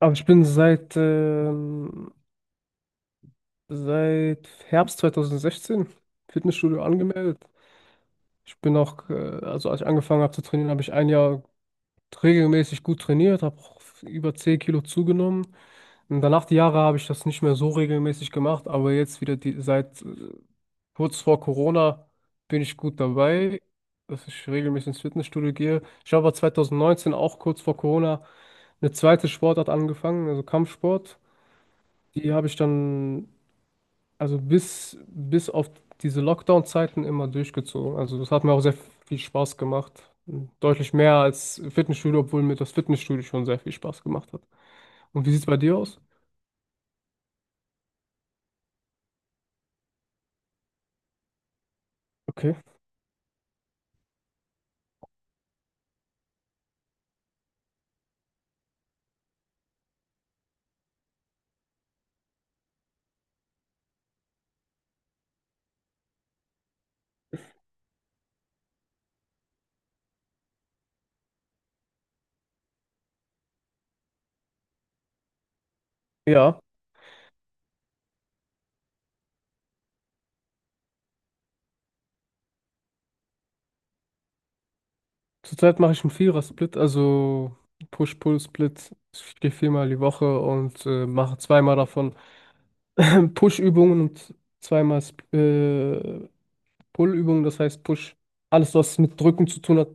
Aber ich bin seit Herbst 2016 Fitnessstudio angemeldet. Ich bin auch, also als ich angefangen habe zu trainieren, habe ich ein Jahr regelmäßig gut trainiert, habe auch über 10 Kilo zugenommen. Und danach die Jahre habe ich das nicht mehr so regelmäßig gemacht, aber jetzt wieder seit kurz vor Corona bin ich gut dabei, dass ich regelmäßig ins Fitnessstudio gehe. Ich habe aber 2019 auch kurz vor Corona eine zweite Sportart angefangen, also Kampfsport. Die habe ich dann also bis auf diese Lockdown-Zeiten immer durchgezogen. Also das hat mir auch sehr viel Spaß gemacht. Deutlich mehr als Fitnessstudio, obwohl mir das Fitnessstudio schon sehr viel Spaß gemacht hat. Und wie sieht es bei dir aus? Okay. Ja, zurzeit mache ich einen Vierer-Split, also Push-Pull-Split. Ich gehe viermal die Woche und mache zweimal davon Push-Übungen und zweimal äh, Pull Übungen, das heißt Push. Alles, was mit Drücken zu tun hat.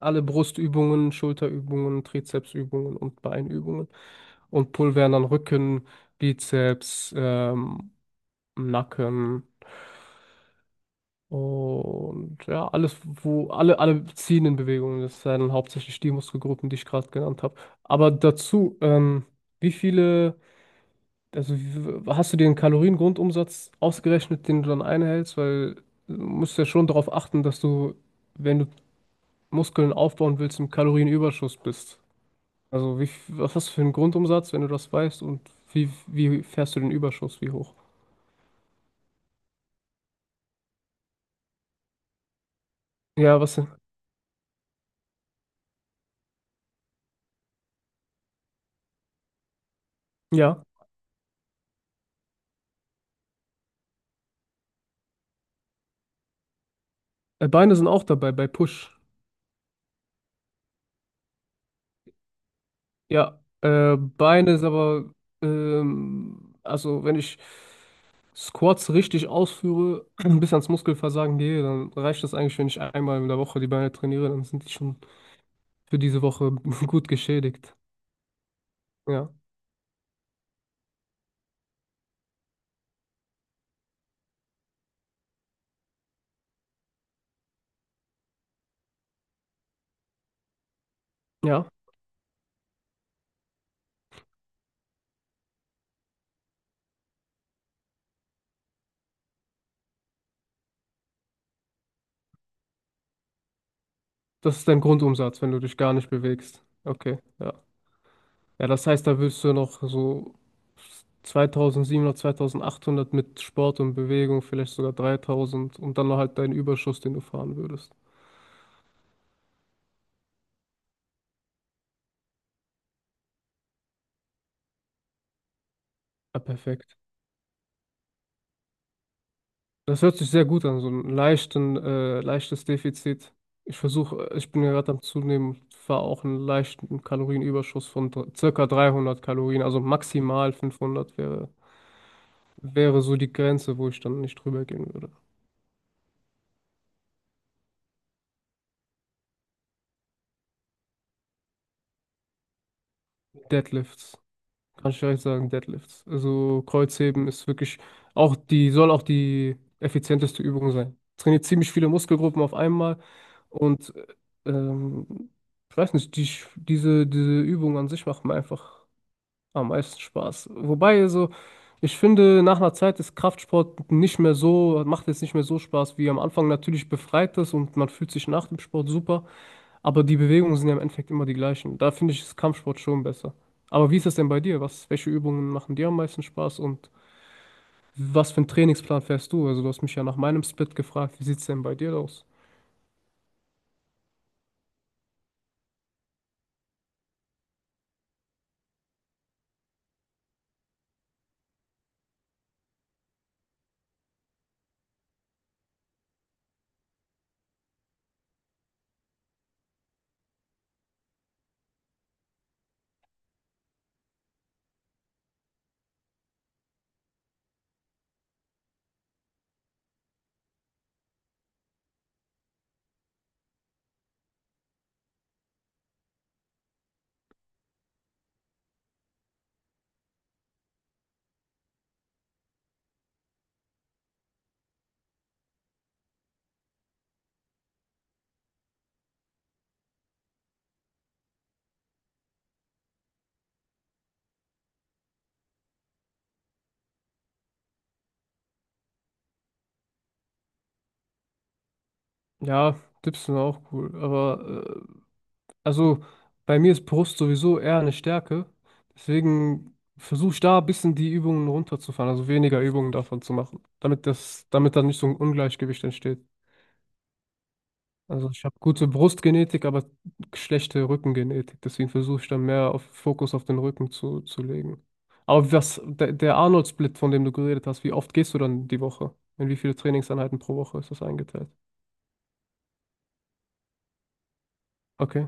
Alle Brustübungen, Schulterübungen, Trizepsübungen und Beinübungen. Und Pull wären dann Rücken, Bizeps, Nacken und ja, alles, wo alle ziehenden Bewegungen, das sind hauptsächlich die Muskelgruppen, die ich gerade genannt habe. Aber dazu, wie viele, also wie- hast du dir einen Kaloriengrundumsatz ausgerechnet, den du dann einhältst? Weil du musst ja schon darauf achten, dass du, wenn du Muskeln aufbauen willst, im Kalorienüberschuss bist. Also was hast du für einen Grundumsatz, wenn du das weißt, und wie fährst du den Überschuss, wie hoch? Ja, was denn? Ja, Beine sind auch dabei bei Push. Ja, Beine ist aber, also wenn ich Squats richtig ausführe, bis ans Muskelversagen gehe, dann reicht das eigentlich, wenn ich einmal in der Woche die Beine trainiere, dann sind die schon für diese Woche gut geschädigt. Ja, ja, das ist dein Grundumsatz, wenn du dich gar nicht bewegst. Okay, ja. Ja, das heißt, da willst du noch so 2700, 2800 mit Sport und Bewegung, vielleicht sogar 3000 und dann noch halt deinen Überschuss, den du fahren würdest. Ja, perfekt. Das hört sich sehr gut an, so leichtes Defizit. Ich versuche, ich bin ja gerade am Zunehmen, fahre auch einen leichten Kalorienüberschuss von circa 300 Kalorien, also maximal 500 wäre so die Grenze, wo ich dann nicht drüber gehen würde. Deadlifts. Kann ich gleich sagen, Deadlifts. Also Kreuzheben ist wirklich auch soll auch die effizienteste Übung sein. Trainiert ziemlich viele Muskelgruppen auf einmal und ähm, ich weiß nicht, diese Übung an sich macht mir einfach am meisten Spaß. Wobei, also, ich finde, nach einer Zeit ist Kraftsport nicht mehr so, macht jetzt nicht mehr so Spaß wie am Anfang. Natürlich befreit es und man fühlt sich nach dem Sport super. Aber die Bewegungen sind ja im Endeffekt immer die gleichen. Da finde ich das Kampfsport schon besser. Aber wie ist das denn bei dir? Welche Übungen machen dir am meisten Spaß, und was für einen Trainingsplan fährst du? Also du hast mich ja nach meinem Split gefragt, wie sieht's denn bei dir aus? Ja, Dips sind auch cool, aber also bei mir ist Brust sowieso eher eine Stärke. Deswegen versuche ich da ein bisschen die Übungen runterzufahren, also weniger Übungen davon zu machen, damit das, damit da nicht so ein Ungleichgewicht entsteht. Also ich habe gute Brustgenetik, aber schlechte Rückengenetik. Deswegen versuche ich dann mehr auf Fokus auf den Rücken zu legen. Aber der Arnold-Split, von dem du geredet hast, wie oft gehst du dann die Woche? In wie viele Trainingseinheiten pro Woche ist das eingeteilt? Okay,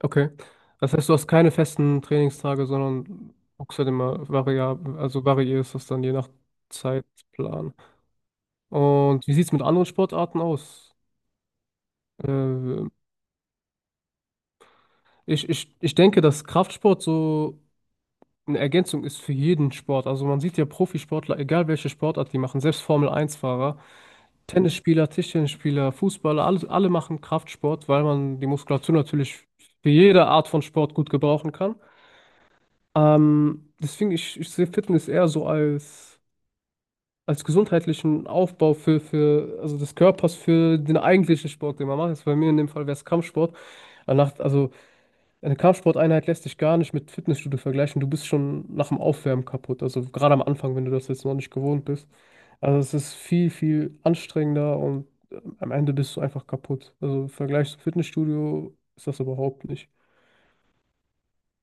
okay. Das heißt, du hast keine festen Trainingstage, sondern guckst halt immer variabel, also variierst das dann je nach Zeitplan. Und wie sieht es mit anderen Sportarten aus? Äh, ich denke, dass Kraftsport so eine Ergänzung ist für jeden Sport. Also man sieht ja Profisportler, egal welche Sportart die machen, selbst Formel-1-Fahrer, Tennisspieler, Tischtennisspieler, Fußballer, alle, alle machen Kraftsport, weil man die Muskulatur natürlich für jede Art von Sport gut gebrauchen kann. Deswegen, ich sehe Fitness eher so als gesundheitlichen Aufbau für, also des Körpers für den eigentlichen Sport, den man macht. Jetzt bei mir in dem Fall wäre es Kampfsport. Danach, also eine Kampfsporteinheit lässt sich gar nicht mit Fitnessstudio vergleichen. Du bist schon nach dem Aufwärmen kaputt. Also gerade am Anfang, wenn du das jetzt noch nicht gewohnt bist. Also es ist viel, viel anstrengender und am Ende bist du einfach kaputt. Also im Vergleich zum Fitnessstudio ist das überhaupt nicht.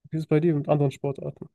Wie ist es bei dir mit anderen Sportarten?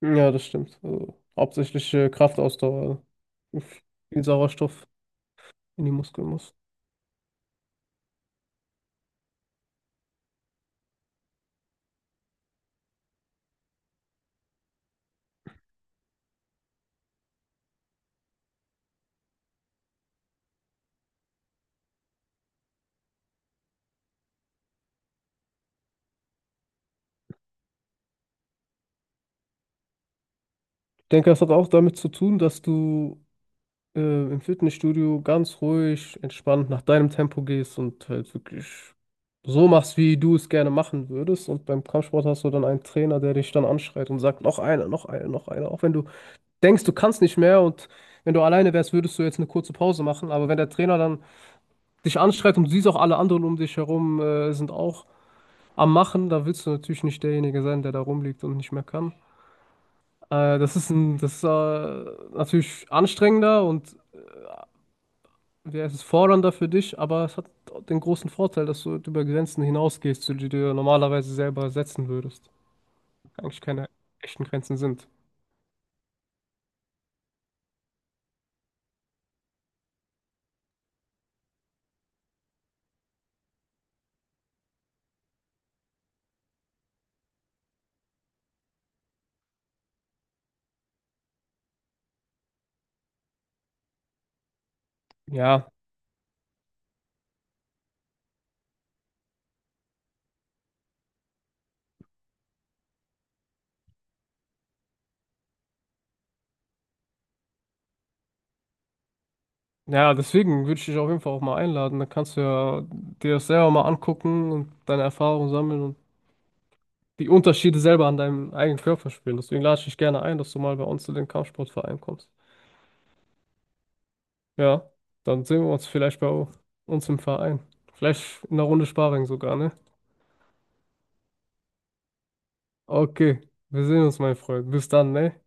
Ja, das stimmt. Also hauptsächlich Kraftausdauer. Also viel Sauerstoff in die Muskeln muss. Ich denke, das hat auch damit zu tun, dass du äh, im Fitnessstudio ganz ruhig, entspannt nach deinem Tempo gehst und halt wirklich so machst, wie du es gerne machen würdest. Und beim Kampfsport hast du dann einen Trainer, der dich dann anschreit und sagt, noch einer, noch einer, noch einer. Auch wenn du denkst, du kannst nicht mehr, und wenn du alleine wärst, würdest du jetzt eine kurze Pause machen. Aber wenn der Trainer dann dich anschreit und du siehst auch alle anderen um dich herum, sind auch am Machen, da willst du natürlich nicht derjenige sein, der da rumliegt und nicht mehr kann. Das ist natürlich anstrengender, und ja, es ist fordernder für dich, aber es hat den großen Vorteil, dass du über Grenzen hinausgehst, die du dir normalerweise selber setzen würdest. Eigentlich keine echten Grenzen sind. Ja, ja, deswegen würde ich dich auf jeden Fall auch mal einladen. Dann kannst du ja dir das selber mal angucken und deine Erfahrungen sammeln und die Unterschiede selber an deinem eigenen Körper spüren. Deswegen lade ich dich gerne ein, dass du mal bei uns zu den Kampfsportverein kommst. Ja, dann sehen wir uns vielleicht bei uns im Verein. Vielleicht in einer Runde Sparring sogar, ne? Okay, wir sehen uns, mein Freund. Bis dann, ne?